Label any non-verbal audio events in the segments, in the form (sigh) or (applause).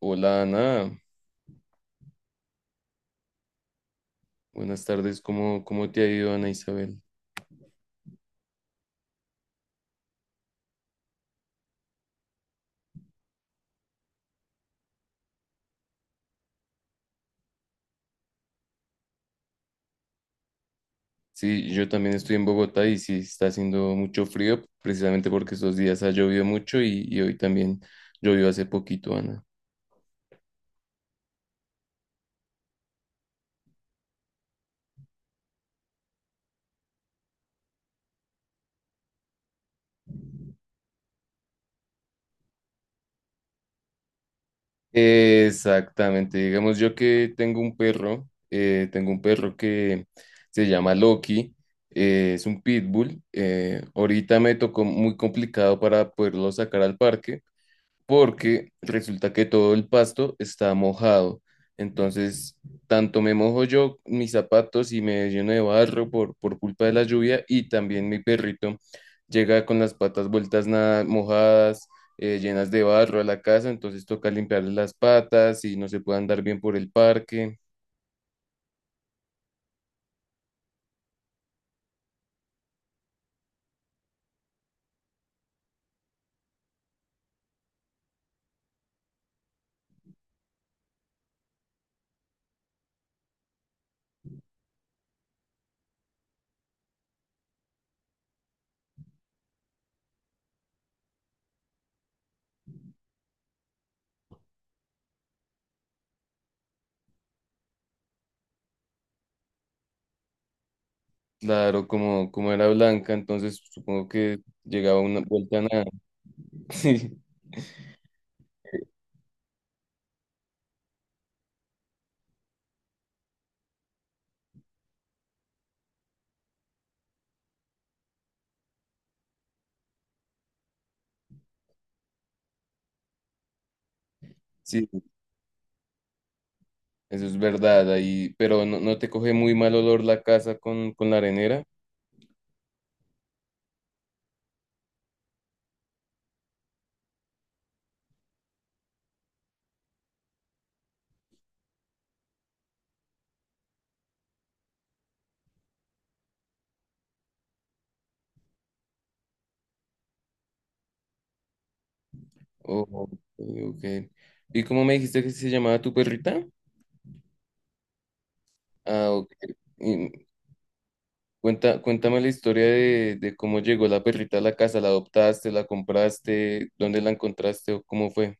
Hola Ana, buenas tardes, ¿cómo te ha ido Ana Isabel? Sí, yo también estoy en Bogotá y sí está haciendo mucho frío, precisamente porque estos días ha llovido mucho y hoy también llovió hace poquito, Ana. Exactamente, digamos yo que tengo un perro que se llama Loki, es un pitbull, ahorita me tocó muy complicado para poderlo sacar al parque porque resulta que todo el pasto está mojado. Entonces, tanto me mojo yo mis zapatos y me lleno de barro por culpa de la lluvia y también mi perrito llega con las patas vueltas nada mojadas, llenas de barro a la casa, entonces toca limpiarle las patas y no se puede andar bien por el parque. Claro, como era blanca, entonces supongo que llegaba una vuelta nada. (laughs) Sí, sí, eso es verdad, ahí, pero no, no te coge muy mal olor la casa con la arenera. Oh, ok. Ok. ¿Y cómo me dijiste que se llamaba tu perrita? Ah, ok. Y cuenta, cuéntame la historia de cómo llegó la perrita a la casa. ¿La adoptaste, la compraste, dónde la encontraste o cómo fue?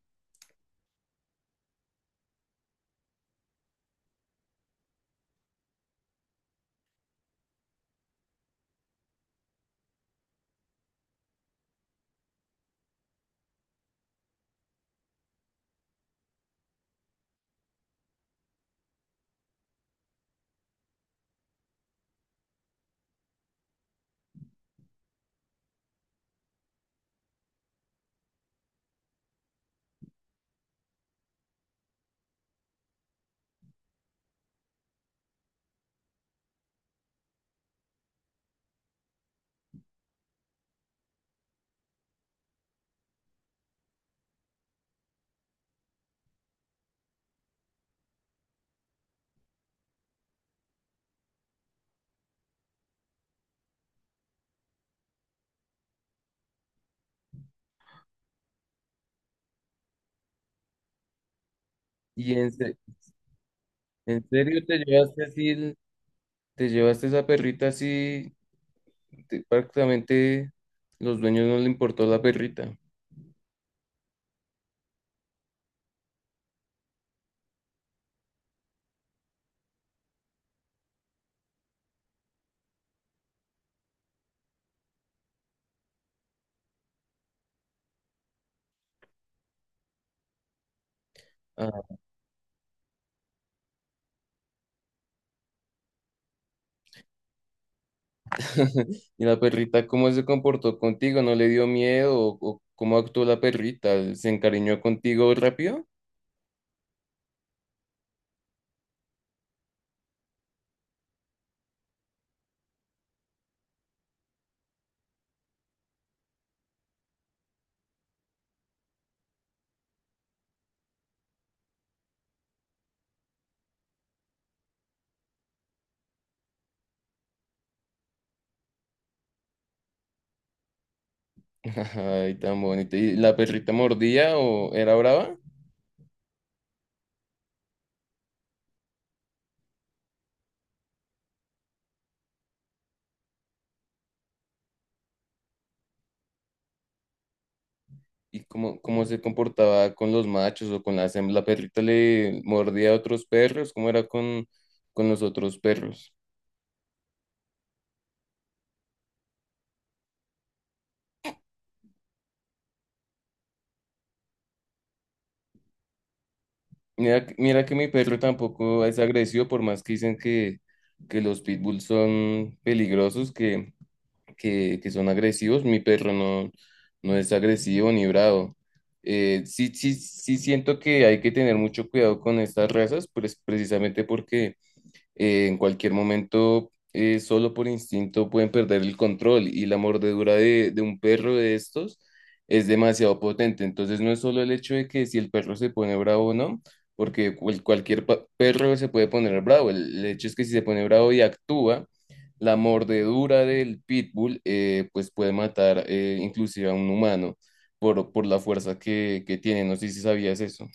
¿Y en, se- en serio te llevaste así, te llevaste esa perrita así? Prácticamente los dueños no le importó la perrita. (laughs) ¿Y la perrita cómo se comportó contigo? ¿No le dio miedo? O cómo actuó la perrita? ¿Se encariñó contigo rápido? (laughs) Ay, tan bonita. ¿Y la perrita mordía o era brava? ¿Y cómo se comportaba con los machos o con las hembras? ¿La perrita le mordía a otros perros? ¿Cómo era con los otros perros? Mira, mira que mi perro tampoco es agresivo, por más que dicen que los pitbulls son peligrosos, que son agresivos. Mi perro no, no es agresivo ni bravo. Sí, sí, sí siento que hay que tener mucho cuidado con estas razas, pues precisamente porque en cualquier momento, solo por instinto, pueden perder el control y la mordedura de un perro de estos es demasiado potente. Entonces, no es solo el hecho de que si el perro se pone bravo o no, porque cualquier perro se puede poner bravo. El hecho es que si se pone bravo y actúa, la mordedura del pitbull pues puede matar inclusive a un humano por la fuerza que tiene. No sé si sabías eso.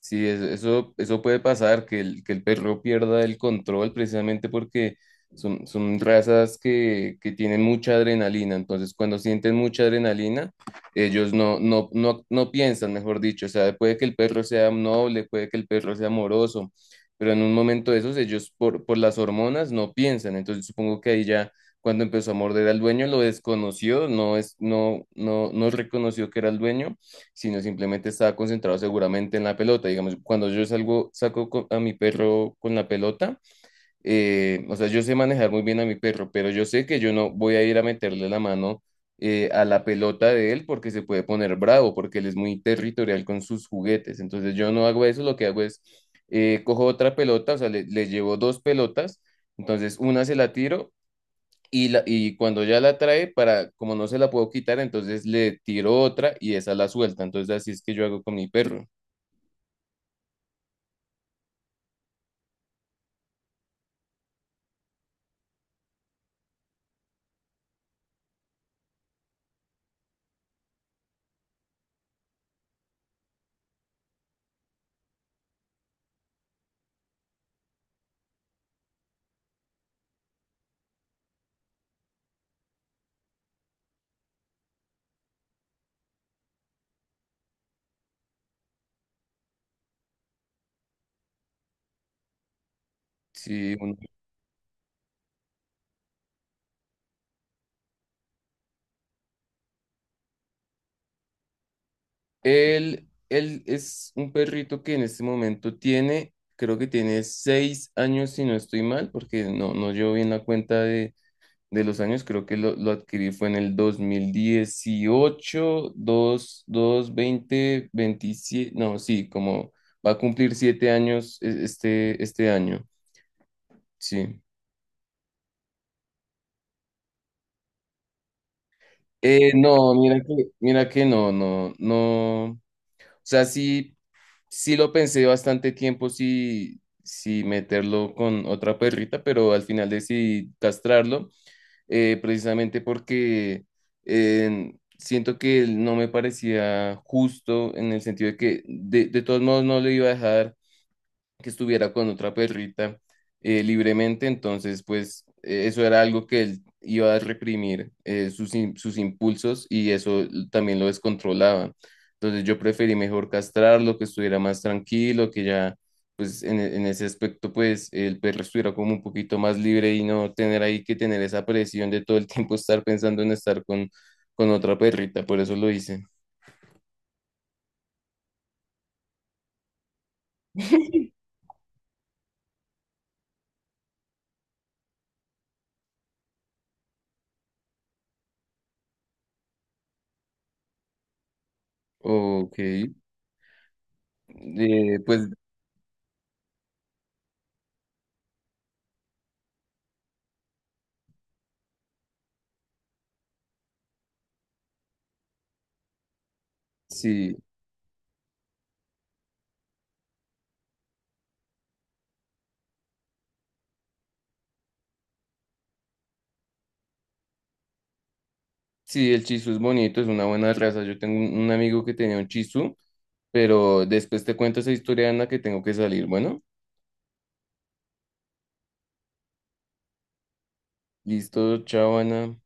Sí, eso, eso puede pasar, que el perro pierda el control precisamente porque son razas que tienen mucha adrenalina. Entonces, cuando sienten mucha adrenalina, ellos no, no piensan, mejor dicho. O sea, puede que el perro sea noble, puede que el perro sea amoroso, pero en un momento de esos, ellos por las hormonas no piensan. Entonces, supongo que ahí ya cuando empezó a morder al dueño, lo desconoció, no es, no, no, no reconoció que era el dueño sino simplemente estaba concentrado seguramente en la pelota. Digamos, cuando yo salgo, saco a mi perro con la pelota, o sea, yo sé manejar muy bien a mi perro, pero yo sé que yo no voy a ir a meterle la mano a la pelota de él porque se puede poner bravo, porque él es muy territorial con sus juguetes. Entonces yo no hago eso, lo que hago es, cojo otra pelota, o sea, le llevo dos pelotas, entonces una se la tiro y cuando ya la trae, para, como no se la puedo quitar, entonces le tiro otra y esa la suelta. Entonces así es que yo hago con mi perro. Sí, él es un perrito que en este momento tiene, creo que tiene 6 años si no estoy mal, porque no, no llevo bien la cuenta de los años, creo que lo adquirí fue en el 2018 2 2 20 27 no, sí, como va a cumplir 7 años este año, sí. No, mira que no, no, no. O sea, sí, sí lo pensé bastante tiempo, sí, sí meterlo con otra perrita, pero al final decidí castrarlo, precisamente porque siento que no me parecía justo en el sentido de que de todos modos no le iba a dejar que estuviera con otra perrita libremente, entonces pues eso era algo que él iba a reprimir sus impulsos y eso también lo descontrolaba. Entonces yo preferí mejor castrarlo, que estuviera más tranquilo, que ya pues en ese aspecto pues el perro estuviera como un poquito más libre y no tener ahí que tener esa presión de todo el tiempo estar pensando en estar con otra perrita, por eso lo hice. Ok, pues sí. Sí, el Chisu es bonito, es una buena raza. Yo tengo un amigo que tenía un Chisu, pero después te cuento esa historia, Ana, que tengo que salir. Bueno, listo, chao, Ana.